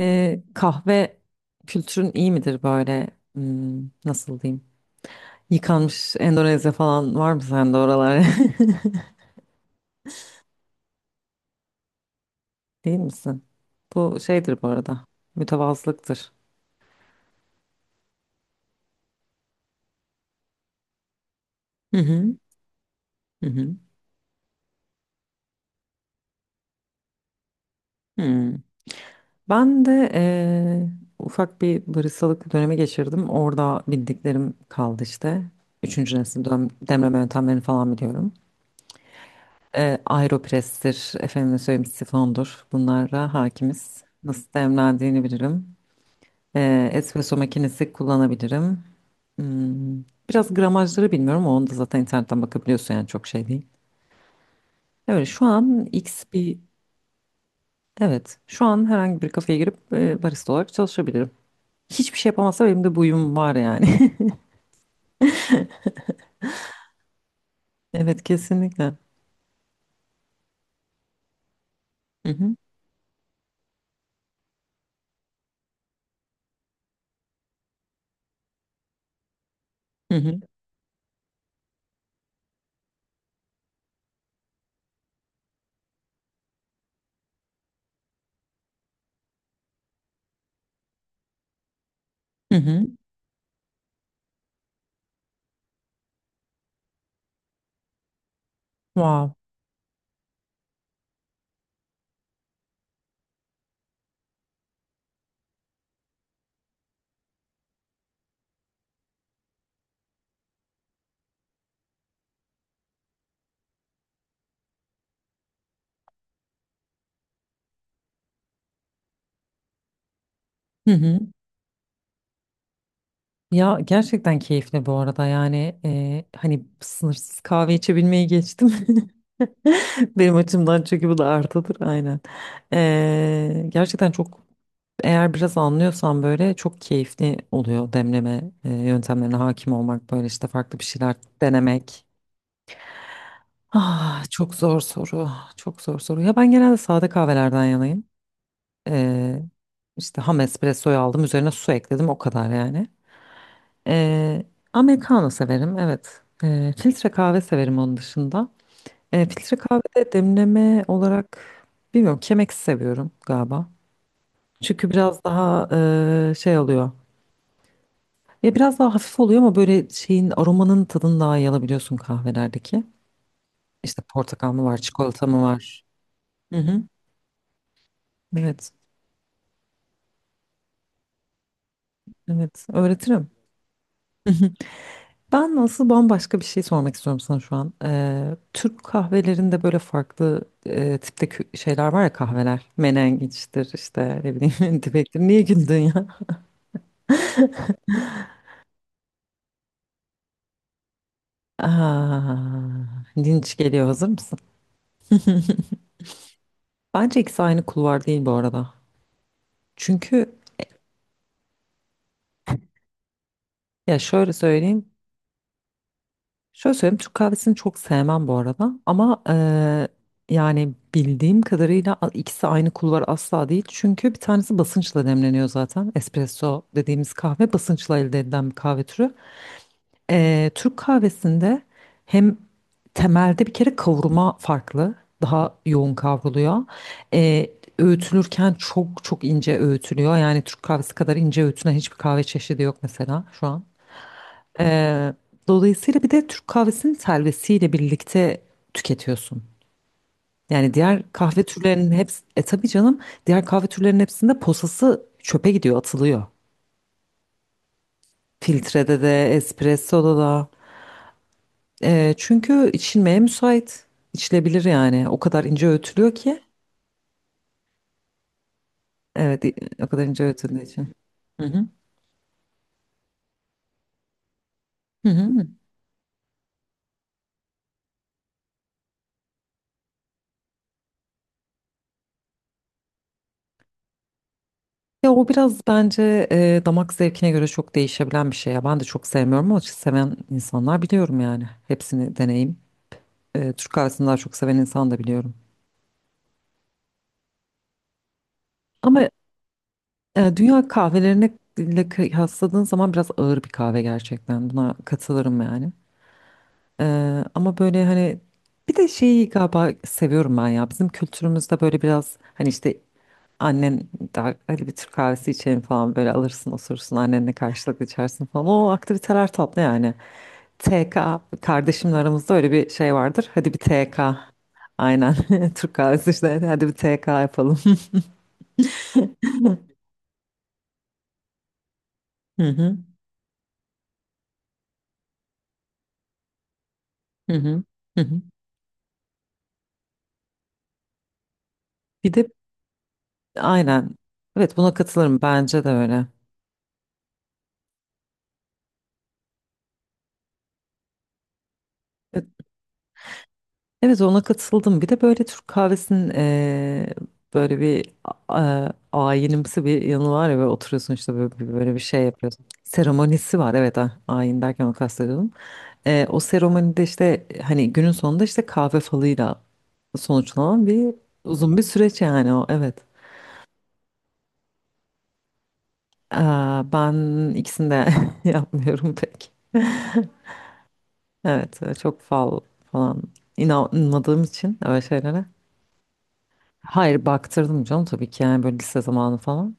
Kahve kültürün iyi midir böyle? Nasıl diyeyim? Yıkanmış Endonezya falan var mı sende oralar? Değil misin? Bu şeydir bu arada. Mütevazılıktır. Hı hı. Hı hı. Hmm. Ben de ufak bir baristalık dönemi geçirdim. Orada bildiklerim kaldı işte. Üçüncü nesil demleme yöntemlerini falan biliyorum. Aeropress'tir, efendime söyleyeyim, sifondur. Bunlara hakimiz. Nasıl demlendiğini bilirim. Espresso makinesi kullanabilirim. Hmm, Biraz gramajları bilmiyorum, ama onu da zaten internetten bakabiliyorsun, yani çok şey değil. Evet şu an X bir evet şu an herhangi bir kafeye girip barista olarak çalışabilirim. Hiçbir şey yapamazsa benim de bu uyum var yani. Evet, kesinlikle. Hı hı. Hı hı. Hı hı. Wow. Hı hı. Ya gerçekten keyifli bu arada, yani hani sınırsız kahve içebilmeyi geçtim. Benim açımdan, çünkü bu da artıdır aynen. Gerçekten çok, eğer biraz anlıyorsan böyle çok keyifli oluyor, demleme yöntemlerine hakim olmak, böyle işte farklı bir şeyler denemek. Ah, çok zor soru, çok zor soru. Ya ben genelde sade kahvelerden yanayım. E, işte ham espressoyu aldım, üzerine su ekledim, o kadar yani. Ee, Americano severim, evet. Filtre kahve severim onun dışında. Filtre kahvede demleme olarak bilmiyorum, Chemex seviyorum galiba. Çünkü biraz daha şey oluyor. Ya biraz daha hafif oluyor, ama böyle şeyin, aromanın tadını daha iyi alabiliyorsun kahvelerdeki. İşte portakal mı var, çikolata mı var? Hı hı. Evet, evet. Öğretirim. Ben, nasıl, bambaşka bir şey sormak istiyorum sana şu an. Türk kahvelerinde böyle farklı tipte şeyler var ya, kahveler. Menengiçtir işte, ne bileyim, dibektir. Niye güldün ya? Aa, linç geliyor, hazır mısın? Bence ikisi aynı kulvar değil bu arada. Çünkü ya şöyle söyleyeyim. Şöyle söyleyeyim, Türk kahvesini çok sevmem bu arada ama yani bildiğim kadarıyla ikisi aynı kulvar asla değil. Çünkü bir tanesi basınçla demleniyor zaten. Espresso dediğimiz kahve basınçla elde edilen bir kahve türü. Türk kahvesinde hem temelde bir kere kavurma farklı. Daha yoğun kavruluyor. Eee, Öğütülürken çok çok ince öğütülüyor. Yani Türk kahvesi kadar ince öğütülen hiçbir kahve çeşidi yok mesela şu an. Ee, Dolayısıyla bir de Türk kahvesinin telvesiyle birlikte tüketiyorsun. Yani diğer kahve türlerinin hepsi, tabii canım, diğer kahve türlerinin hepsinde posası çöpe gidiyor, atılıyor. Filtrede de, espressoda da. Çünkü içilmeye müsait. İçilebilir yani. O kadar ince öğütülüyor ki. Evet, o kadar ince öğütüldüğü için. Hı hı. Hı hı. Ya o biraz bence damak zevkine göre çok değişebilen bir şey ya. Ben de çok sevmiyorum ama seven insanlar biliyorum yani. Hepsini deneyim. Türk kahvesini daha çok seven insan da biliyorum. Ama dünya kahvelerine ile kıyasladığın zaman biraz ağır bir kahve gerçekten. Buna katılırım yani. E, ama böyle hani bir de şeyi galiba seviyorum ben ya. Bizim kültürümüzde böyle biraz hani işte annen, daha, hadi bir Türk kahvesi içelim falan, böyle alırsın, osursun annenle karşılıklı içersin falan. O aktiviteler tatlı yani. TK, kardeşimle aramızda öyle bir şey vardır. Hadi bir TK. Aynen. Türk kahvesi işte. Hadi bir TK yapalım. Hı hı. Hı hı. Hı hı. Bir de aynen. Evet, buna katılırım, bence de öyle. Evet, evet, ona katıldım. Bir de böyle Türk kahvesinin böyle bir ayinimsi bir yanı var ya, böyle oturuyorsun işte, böyle, böyle bir şey yapıyorsun. Seremonisi var, evet, ha, ayin derken onu kastediyordum. O seremonide işte, hani günün sonunda işte kahve falıyla sonuçlanan bir uzun bir süreç yani, o, evet. Aa, ben ikisini de yapmıyorum pek. Evet, çok fal falan inanmadığım için öyle şeylere. Hayır, baktırdım canım tabii ki, yani böyle lise zamanı falan.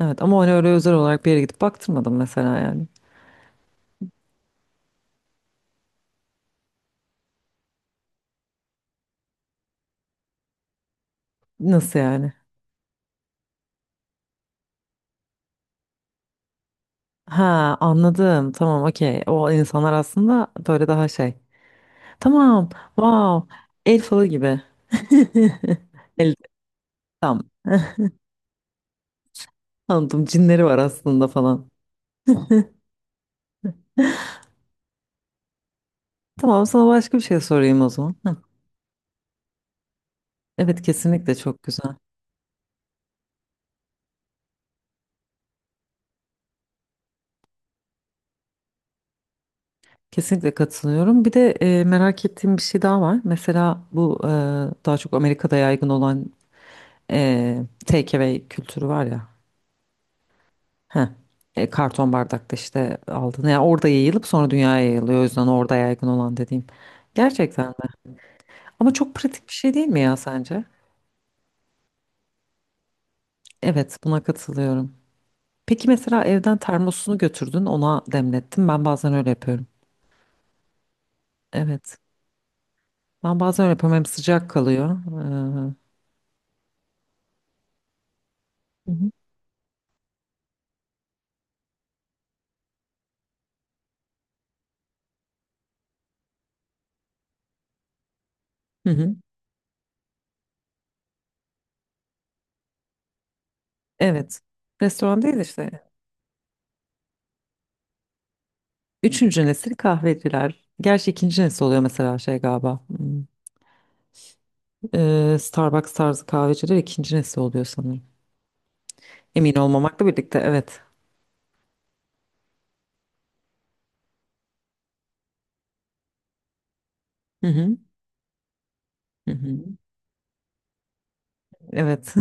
Evet, ama hani öyle özel olarak bir yere gidip baktırmadım mesela yani. Nasıl yani? Ha, anladım, tamam, okey. O insanlar aslında böyle daha şey. Tamam, wow, el falı gibi. El, tam. Anladım, cinleri var aslında falan. Tamam, sana başka bir şey sorayım o zaman. Hı. Evet, kesinlikle çok güzel. Kesinlikle katılıyorum. Bir de merak ettiğim bir şey daha var. Mesela bu daha çok Amerika'da yaygın olan e, takeaway kültürü var ya. Heh, karton bardakta işte aldın. Yani orada yayılıp sonra dünyaya yayılıyor. O yüzden orada yaygın olan dediğim. Gerçekten mi? Ama çok pratik bir şey değil mi ya, sence? Evet, buna katılıyorum. Peki mesela evden termosunu götürdün, ona demlettin. Ben bazen öyle yapıyorum. Evet. Ben bazen öyle yapıyorum. Hem sıcak kalıyor. Hı hı. Hı hı. Evet. Restoran değil işte. Üçüncü nesil kahveciler. Gerçi ikinci nesil oluyor mesela, şey galiba. Hmm. Starbucks tarzı kahveciler ikinci nesil oluyor sanırım. Emin olmamakla birlikte, evet. Hı hı. Hı hı. Evet.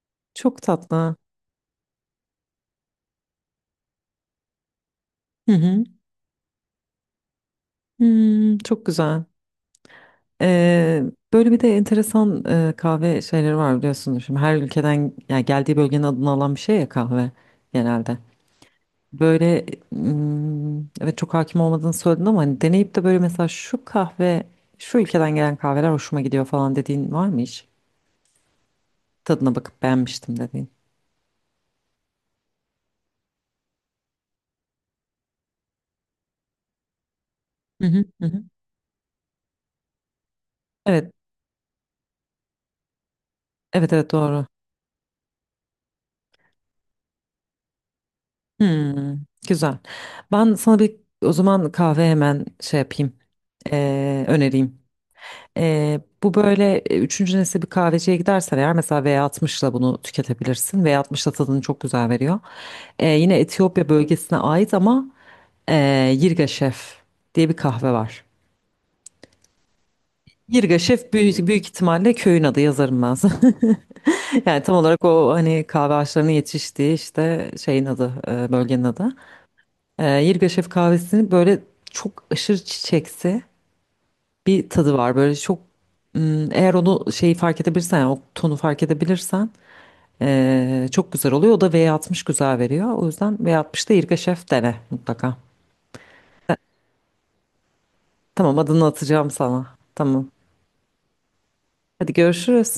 Çok tatlı. Hı hı. Hmm, çok güzel. Ee, Böyle bir de enteresan kahve şeyleri var, biliyorsunuz. Şimdi her ülkeden, yani geldiği bölgenin adını alan bir şey ya kahve genelde. Böyle evet, çok hakim olmadığını söyledin, ama hani deneyip de böyle, mesela şu kahve, şu ülkeden gelen kahveler hoşuma gidiyor falan dediğin var mı hiç? Tadına bakıp beğenmiştim dediğin. Hı hı, hı hı. Evet, evet, evet, doğru. Hmm, Güzel. Ben sana bir, o zaman kahve hemen şey yapayım, önereyim. Bu böyle, üçüncü nesil bir kahveciye gidersen eğer, mesela V60'la bunu tüketebilirsin. V60'la tadını çok güzel veriyor. Yine Etiyopya bölgesine ait ama, Ee, Yirga Şef diye bir kahve var. Yirga Şef, büyük, büyük ihtimalle köyün adı, yazarım ben sana. Yani tam olarak o, hani kahve ağaçlarının yetiştiği işte şeyin adı, bölgenin adı. Yirga Şef kahvesinin böyle çok aşırı çiçeksi bir tadı var. Böyle çok eğer onu, şeyi fark edebilirsen yani o tonu fark edebilirsen, çok güzel oluyor. O da V60 güzel veriyor. O yüzden V60'da Yirga Şef dene mutlaka. Tamam, adını atacağım sana. Tamam. Hadi görüşürüz.